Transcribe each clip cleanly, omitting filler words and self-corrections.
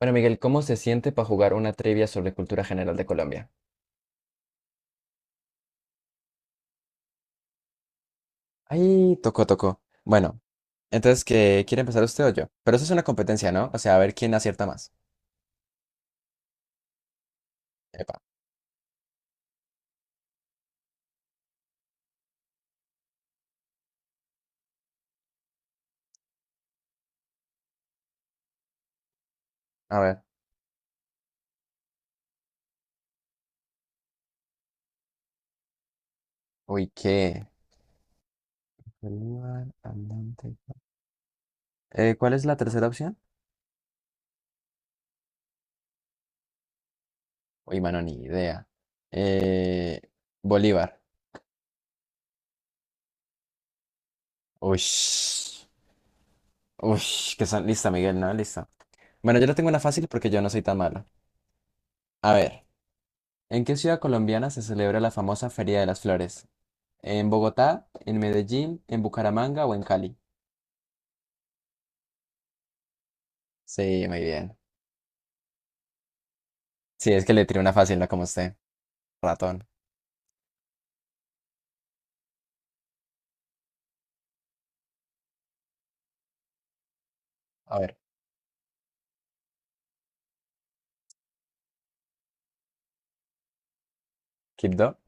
Bueno, Miguel, ¿cómo se siente para jugar una trivia sobre cultura general de Colombia? Ahí, tocó, tocó. Bueno, entonces, ¿qué quiere empezar usted o yo? Pero eso es una competencia, ¿no? O sea, a ver quién acierta más. Epa, a ver. Uy, ¿qué? Bolívar, Andante. ¿Cuál es la tercera opción? Uy, mano, ni idea. Eh, Bolívar. Uy, uy, que son... Lista, Miguel, ¿no? Lista. Bueno, yo le tengo una fácil porque yo no soy tan malo. A ver, ¿en qué ciudad colombiana se celebra la famosa Feria de las Flores? ¿En Bogotá, en Medellín, en Bucaramanga o en Cali? Sí, muy bien. Sí, es que le tiré una fácil, no como usted. Ratón. A ver, ¿Quibdó?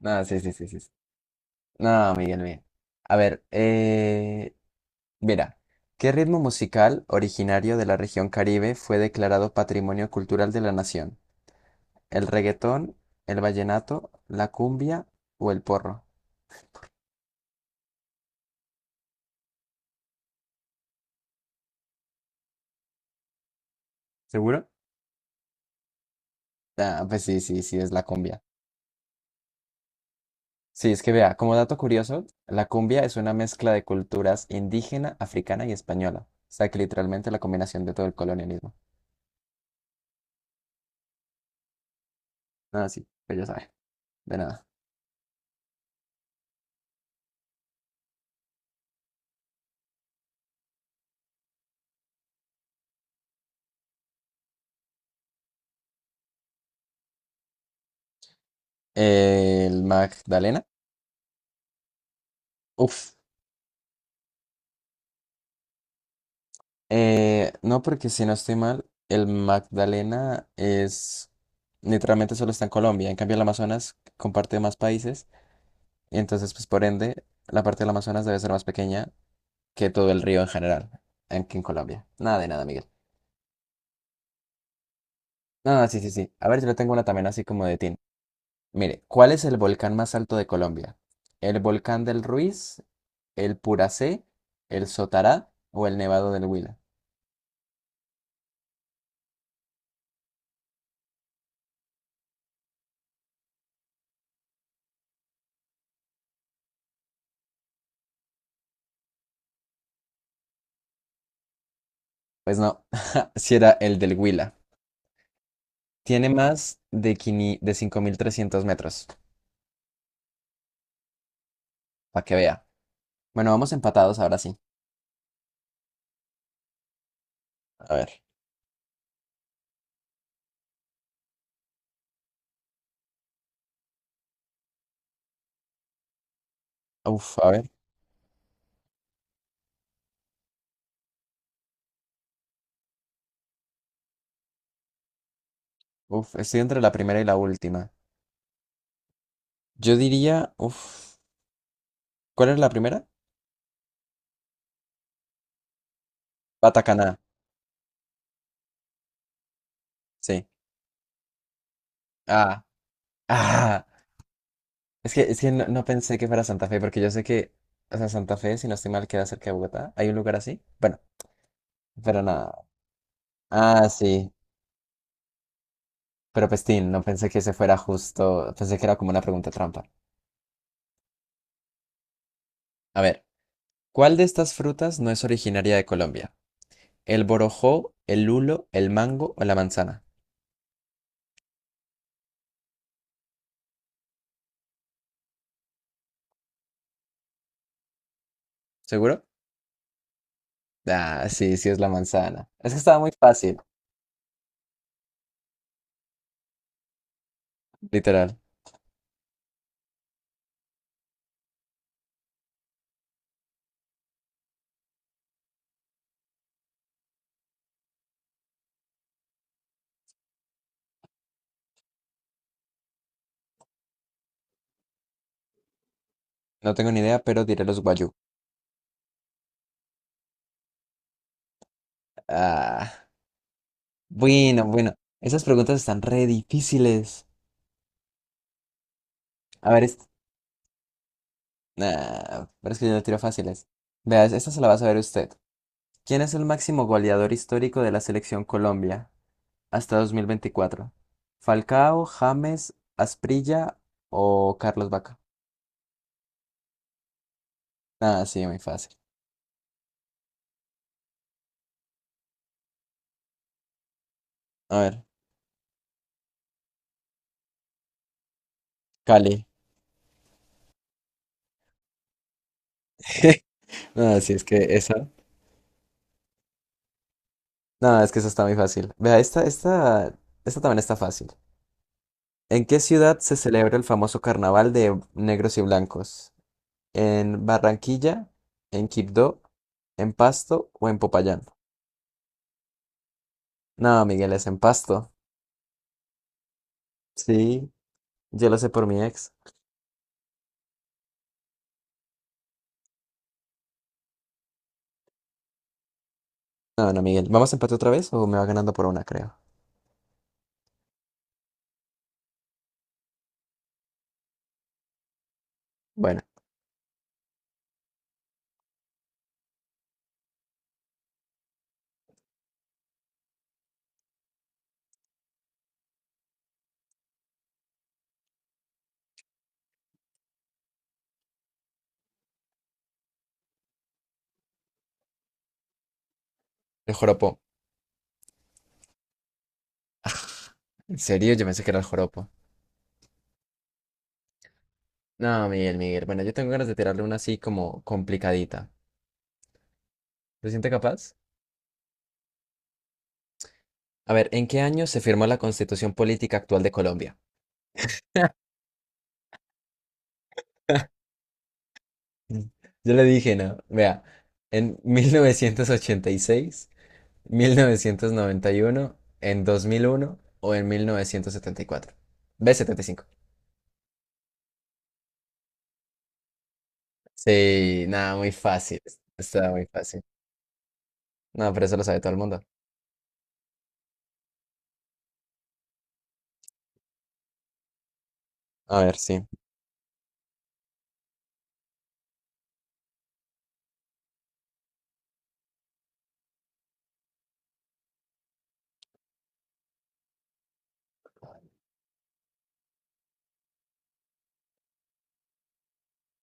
No, sí, sí, sí, sí, sí. No, Miguel, bien. A ver, mira, ¿qué ritmo musical originario de la región Caribe fue declarado Patrimonio Cultural de la Nación? ¿El reggaetón, el vallenato, la cumbia o el porro? ¿Seguro? Ah, pues sí, sí, sí, es la cumbia. Sí, es que vea, como dato curioso, la cumbia es una mezcla de culturas indígena, africana y española. O sea que literalmente la combinación de todo el colonialismo. Ah, sí, pues ya sabe, de nada. El Magdalena. Uf. No, porque si no estoy mal, el Magdalena es literalmente solo está en Colombia. En cambio, el Amazonas comparte más países. Y entonces, pues por ende, la parte del Amazonas debe ser más pequeña que todo el río en general, que en Colombia. Nada de nada, Miguel. No, no, sí, sí, sí. A ver, yo le tengo una también así como de Tin. Mire, ¿cuál es el volcán más alto de Colombia? ¿El volcán del Ruiz, el Puracé, el Sotará o el Nevado del Huila? Pues no, si era el del Huila. Tiene más de 5.300 metros, para que vea. Bueno, vamos empatados ahora sí. A ver. Uf, a ver. Uf, estoy entre la primera y la última. Yo diría, uf, ¿cuál es la primera? Batacaná, sí. Ah, ah. Es que no, no pensé que fuera Santa Fe, porque yo sé que, o sea, Santa Fe, si no estoy mal, queda cerca de Bogotá. ¿Hay un lugar así? Bueno, pero nada. Ah, sí. Pero Pestín, no pensé que ese fuera justo. Pensé que era como una pregunta trampa. A ver, ¿cuál de estas frutas no es originaria de Colombia? ¿El borojó, el lulo, el mango o la manzana? ¿Seguro? Ah, sí, sí es la manzana. Es que estaba muy fácil, literal. No tengo ni idea, pero diré los guayú. Ah, bueno, bueno. Esas preguntas están re difíciles. A ver, es- Nah, pero es que yo no tiro fáciles. Veas, esta se la va a saber usted. ¿Quién es el máximo goleador histórico de la selección Colombia hasta 2024? ¿Falcao, James, Asprilla o Carlos Vaca? Ah, sí, muy fácil. A ver, Cali. No, sí, es que esa. No, es que esa está muy fácil. Vea, esta también está fácil. ¿En qué ciudad se celebra el famoso carnaval de negros y blancos? ¿En Barranquilla, en Quibdó, en Pasto o en Popayán? No, Miguel, es en Pasto. Sí, yo lo sé por mi ex. No, no, Miguel. ¿Vamos a empate otra vez o me va ganando por una, creo? Bueno, el joropo. ¿En serio? Yo pensé que era el joropo. No, Miguel, Miguel. Bueno, yo tengo ganas de tirarle una así como complicadita. ¿Se siente capaz? A ver, ¿en qué año se firmó la constitución política actual de Colombia? Yo le dije, no. Vea, en mil novecientos ochenta y seis, 1991, en 2001 o en 1974. B 75. Sí, nada, muy fácil. Está muy fácil. No, pero eso lo sabe todo el mundo. A ver, sí.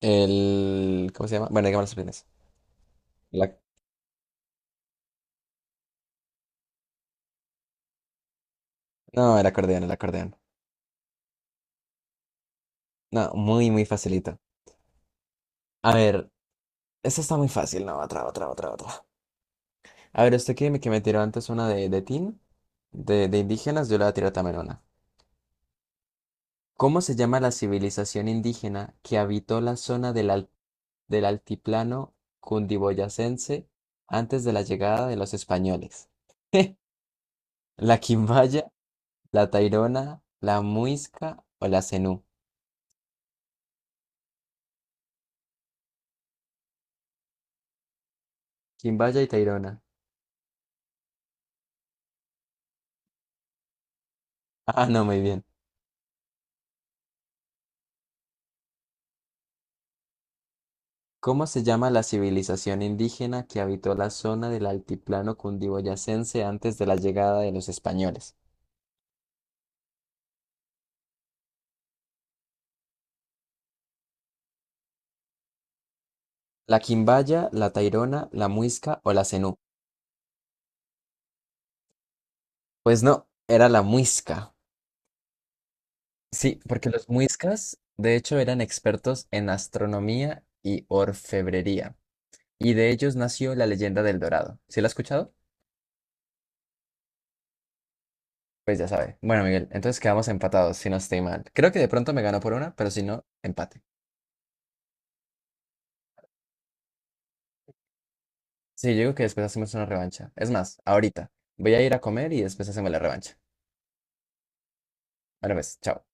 El... ¿Cómo se llama? Bueno, dígame los opciones. La- No, el acordeón, el acordeón. No, muy, muy facilito. A ver, esta está muy fácil. No, otra, otra, otra, otra. A ver, usted que me tiró antes una de Tin, de indígenas, yo le voy a tirar también una. ¿Cómo se llama la civilización indígena que habitó la zona del altiplano cundiboyacense antes de la llegada de los españoles? ¿La Quimbaya, la Tairona, la Muisca o la Zenú? Quimbaya y Tairona. Ah, no, muy bien. ¿Cómo se llama la civilización indígena que habitó la zona del altiplano cundiboyacense antes de la llegada de los españoles? ¿La Quimbaya, la Tairona, la Muisca o la Zenú? Pues no, era la Muisca. Sí, porque los muiscas, de hecho, eran expertos en astronomía y orfebrería. Y de ellos nació la leyenda del Dorado. ¿Sí la has escuchado? Pues ya sabe. Bueno, Miguel, entonces quedamos empatados, si no estoy mal. Creo que de pronto me ganó por una, pero si no, empate. Sí, yo digo que después hacemos una revancha. Es más, ahorita. Voy a ir a comer y después hacemos la revancha. Ahora pues, chao.